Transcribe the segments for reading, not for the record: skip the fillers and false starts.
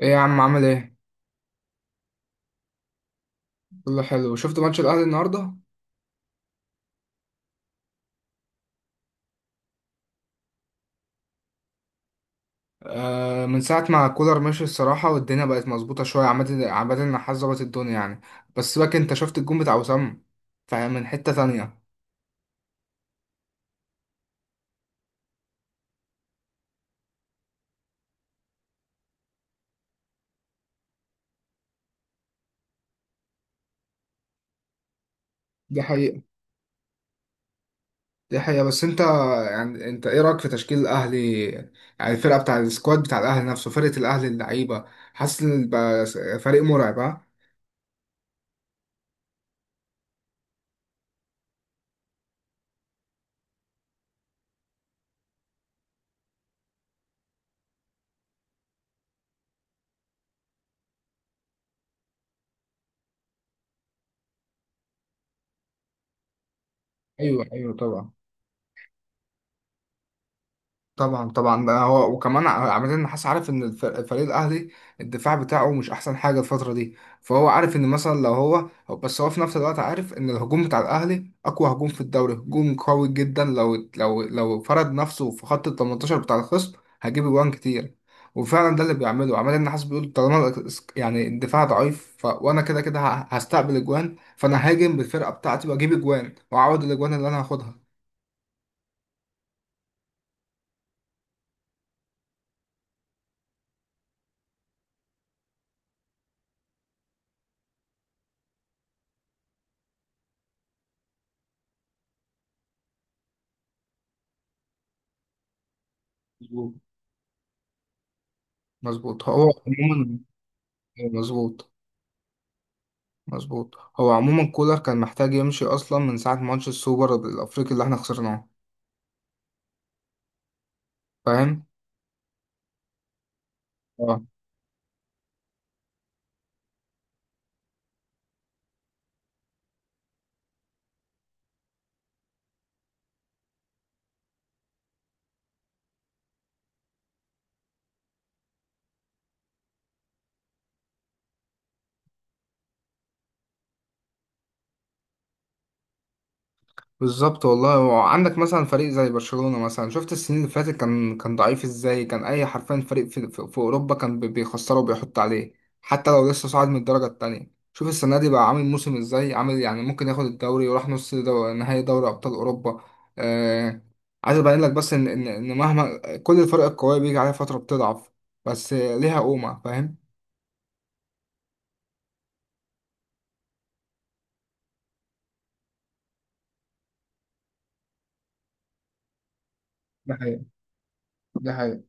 ايه يا عم عامل ايه؟ كله حلو. شفت ماتش الاهلي النهارده؟ آه، من ساعة ما كولر مشي الصراحة والدنيا بقت مظبوطة شوية. عامة عامة النحاس ظبط الدنيا يعني. بس سيبك، انت شفت الجون بتاع وسام؟ فاهم، من حتة تانية. دي حقيقة. دي حقيقة. بس انت، يعني انت ايه رأيك في تشكيل الاهلي؟ يعني الفرقة بتاع السكواد بتاع الاهلي نفسه، فرقة الاهلي، اللعيبة. حاسس ان بقى فريق مرعب، ها؟ ايوه، ايوه، طبعا. طبعا، طبعا، ده هو. وكمان عامة النحاس عارف ان الفريق الاهلي، الدفاع بتاعه مش احسن حاجه الفتره دي. فهو عارف ان مثلا بس هو في نفس الوقت عارف ان الهجوم بتاع الاهلي اقوى هجوم في الدوري، هجوم قوي جدا. لو فرض نفسه في خط ال 18 بتاع الخصم، هيجيب اجوان كتير. وفعلا ده اللي بيعمله عماد النحاس، بيقول طالما يعني الدفاع ضعيف، وانا كده كده هستقبل اجوان، فانا هاجم بالفرقه بتاعتي واجيب اجوان واعوض الاجوان اللي انا هاخدها. مظبوط. مظبوط. هو عموما مظبوط، مظبوط. هو عموما كولر كان محتاج يمشي اصلا من ساعه ماتش السوبر الافريقي اللي احنا خسرناه، فاهم. آه. بالظبط والله. وعندك مثلا فريق زي برشلونة مثلا، شفت السنين اللي فاتت كان ضعيف ازاي؟ كان اي، حرفيا فريق في اوروبا كان بيخسره وبيحط عليه. حتى لو لسه صاعد من الدرجة التانية. شوف السنة دي بقى عامل موسم ازاي، عامل يعني ممكن ياخد الدوري وراح نهائي دوري ابطال اوروبا. آه... عايز ابين لك بس ان ان إن مهما كل الفرق القوية بيجي عليها فترة بتضعف، بس ليها قومة، فاهم. ده حقيقة. ده حقيقة.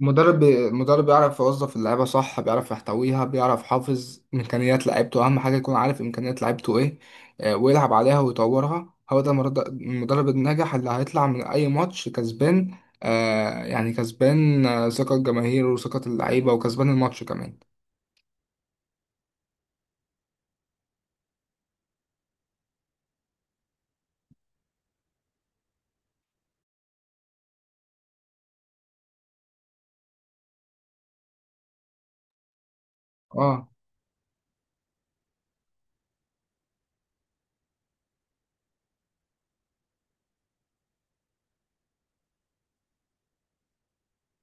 مدرب مدرب بيعرف يوظف اللعيبه صح، بيعرف يحتويها، بيعرف يحافظ امكانيات لعيبته. اهم حاجه يكون عارف امكانيات لعيبته ايه، ويلعب عليها ويطورها. هو ده المدرب الناجح اللي هيطلع من اي ماتش كسبان، يعني كسبان ثقه الجماهير وثقه اللعيبه وكسبان الماتش كمان. اه،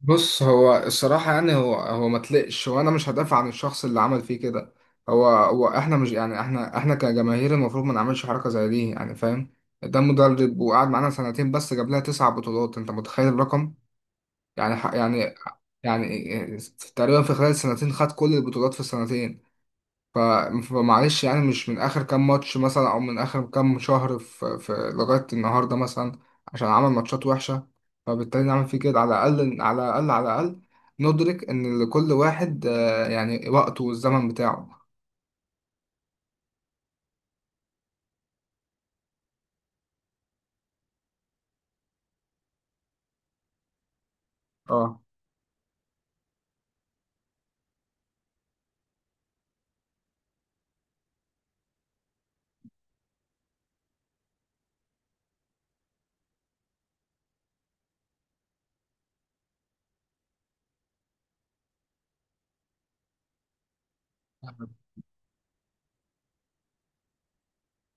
بص. هو الصراحة يعني هو ما تلقش، وانا مش هدافع عن الشخص اللي عمل فيه كده. هو احنا مش يعني احنا كجماهير المفروض ما نعملش حركة زي دي، يعني فاهم. ده مدرب وقعد معانا سنتين بس جاب لها تسع بطولات، انت متخيل الرقم؟ يعني يعني، يعني تقريبا في خلال سنتين خد كل البطولات في السنتين. ف- فمعلش يعني، مش من اخر كام ماتش مثلا او من اخر كام شهر في لغايه النهارده مثلا، عشان عمل ماتشات وحشه، فبالتالي نعمل فيه كده. على الاقل، على الاقل، على الاقل ندرك ان لكل واحد يعني وقته والزمن بتاعه. اه.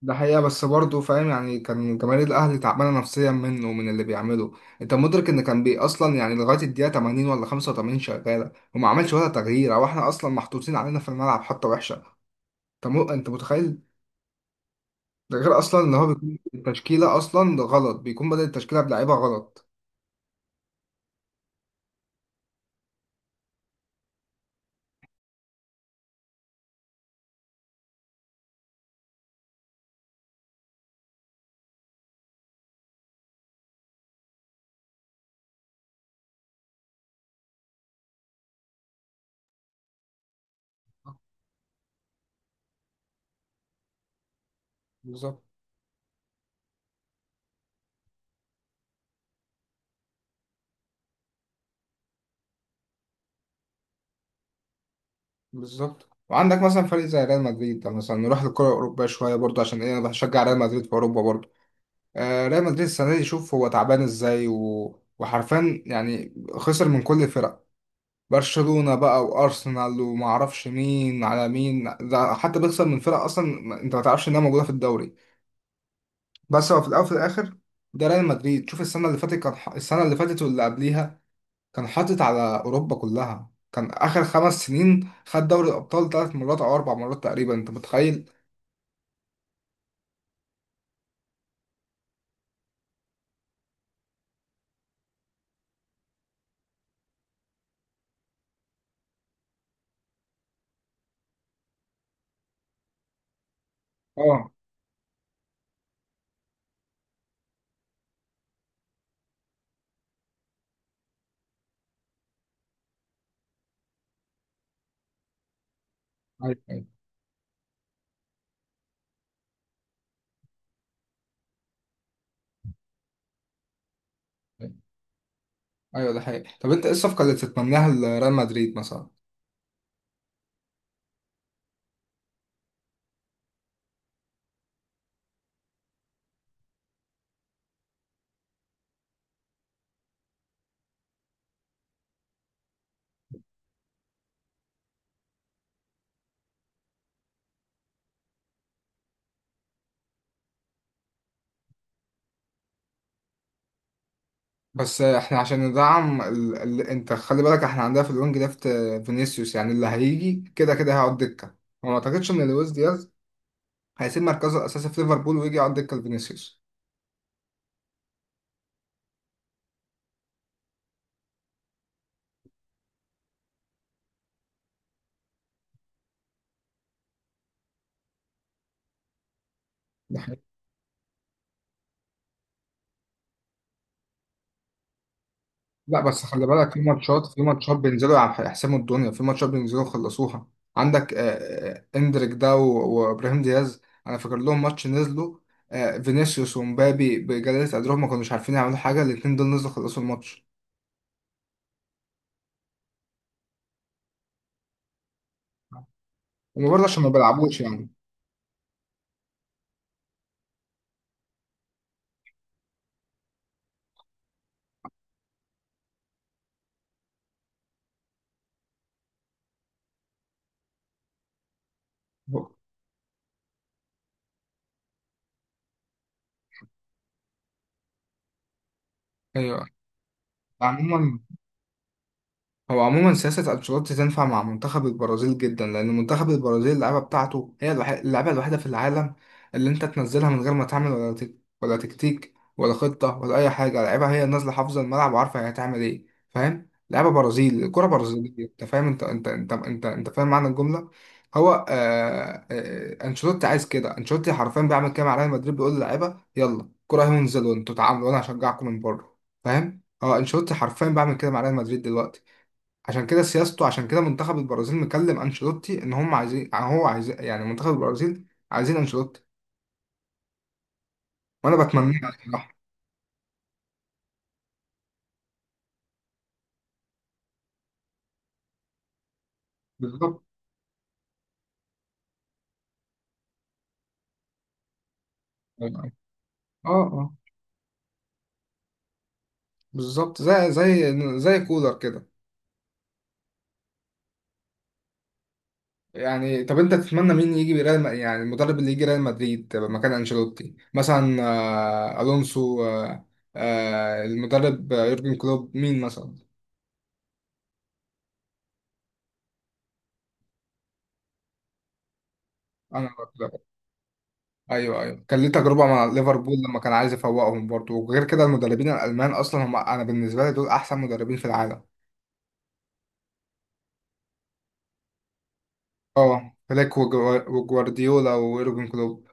ده حقيقة، بس برضه فاهم يعني كان جماهير الأهلي تعبانة نفسيا منه ومن اللي بيعمله، أنت مدرك إن كان بي أصلا يعني لغاية الدقيقة 80 ولا 85 شغالة، وما عملش ولا تغيير أو إحنا أصلا محطوطين علينا في الملعب حتى وحشة، أنت أنت متخيل؟ ده غير اصلا ان هو بيكون التشكيله اصلا غلط، بيكون بدأ التشكيله بلعيبه غلط. بالظبط. بالظبط. وعندك مثلا فريق زي ريال مدريد، ده مثلا نروح للكرة الأوروبية شوية برضه عشان إيه، أنا بشجع ريال مدريد في أوروبا برضه. ريال مدريد السنة دي شوف هو تعبان إزاي، وحرفيا يعني خسر من كل الفرق: برشلونة بقى، وأرسنال، ومعرفش مين على مين. ده حتى بيخسر من فرق أصلا أنت ما تعرفش إنها موجودة في الدوري. بس هو في الأول وفي الآخر، ده ريال مدريد. شوف السنة اللي فاتت السنة اللي فاتت واللي قبليها كان حاطط على أوروبا كلها. كان آخر خمس سنين خد دوري الأبطال ثلاث مرات أو أربع مرات تقريبا، أنت متخيل؟ اه. أيوه، أيوه. أيوه، أيوه، ده حقيقي. طب أنت إيه الصفقة اللي تتمناها لريال مدريد مثلا؟ بس احنا عشان ندعم انت خلي بالك، احنا عندنا في الوينج ليفت فينيسيوس. يعني اللي هيجي كده كده هيقعد دكة، وما اعتقدش ان لويس دياز هيسيب مركزه الاساسي في ليفربول ويجي يقعد دكة لفينيسيوس. لا، بس خلي بالك، في ماتشات بينزلوا يحسموا الدنيا، في ماتشات بينزلوا يخلصوها. عندك اندريك ده وابراهيم دياز، انا فاكر لهم ماتش نزلوا، فينيسيوس ومبابي بجلالة قدرهم ما كانوش عارفين يعملوا حاجة، الاتنين دول نزلوا خلصوا الماتش. وبرضه عشان ما بيلعبوش يعني. ايوه. عموما هو عموما سياسة أنشيلوتي تنفع مع منتخب البرازيل جدا، لأن منتخب البرازيل اللعبة بتاعته هي اللعبة الوحيدة في العالم اللي أنت تنزلها من غير ما تعمل ولا ولا تكتيك ولا خطة ولا أي حاجة. اللعيبة هي نازلة حافظة الملعب وعارفة هي هتعمل إيه، فاهم؟ لعبة برازيل، الكرة برازيلية. أنت فاهم؟ أنت فاهم معنى الجملة؟ هو أنشيلوتي عايز كده، أنشيلوتي حرفيا بيعمل كده مع ريال مدريد، بيقول للعيبة يلا كرة اهي، وانزلوا أنتوا تعاملوا وأنا هشجعكم من بره، فاهم؟ اه. انشيلوتي حرفيا بعمل كده مع ريال مدريد دلوقتي. عشان كده سياسته، عشان كده منتخب البرازيل مكلم انشيلوتي ان هم عايزين، هو عايز يعني منتخب البرازيل عايزين انشيلوتي، وانا بتمناه على الصراحه. بالظبط. اه، اه، بالظبط. زي، زي كولر كده. يعني طب انت تتمنى مين يجي ريال يعني المدرب اللي يجي ريال مدريد مكان انشيلوتي مثلا؟ الونسو، المدرب يورجن كلوب، مين مثلا؟ انا ايوه، ايوه. كان ليه تجربه مع ليفربول لما كان عايز يفوقهم برضه. وغير كده المدربين الالمان اصلا هم، انا بالنسبه لي دول احسن مدربين في العالم. اه، فليك وجوارديولا ويورجن كلوب.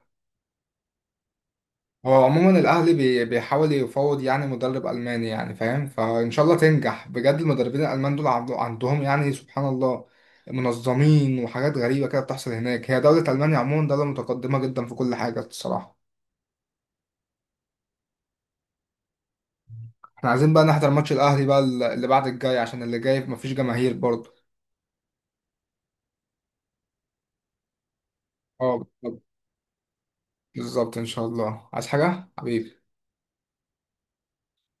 هو عموما الاهلي بيحاول يفاوض يعني مدرب الماني، يعني فاهم. فان شاء الله تنجح بجد. المدربين الالمان دول عندهم يعني سبحان الله، منظمين، وحاجات غريبه كده بتحصل هناك. هي دوله المانيا عموما دوله متقدمه جدا في كل حاجه الصراحه. احنا عايزين بقى نحضر ماتش الاهلي بقى، اللي بعد الجاي، عشان اللي جاي مفيش جماهير برضه. اه، بالظبط، ان شاء الله. عايز حاجة حبيبي؟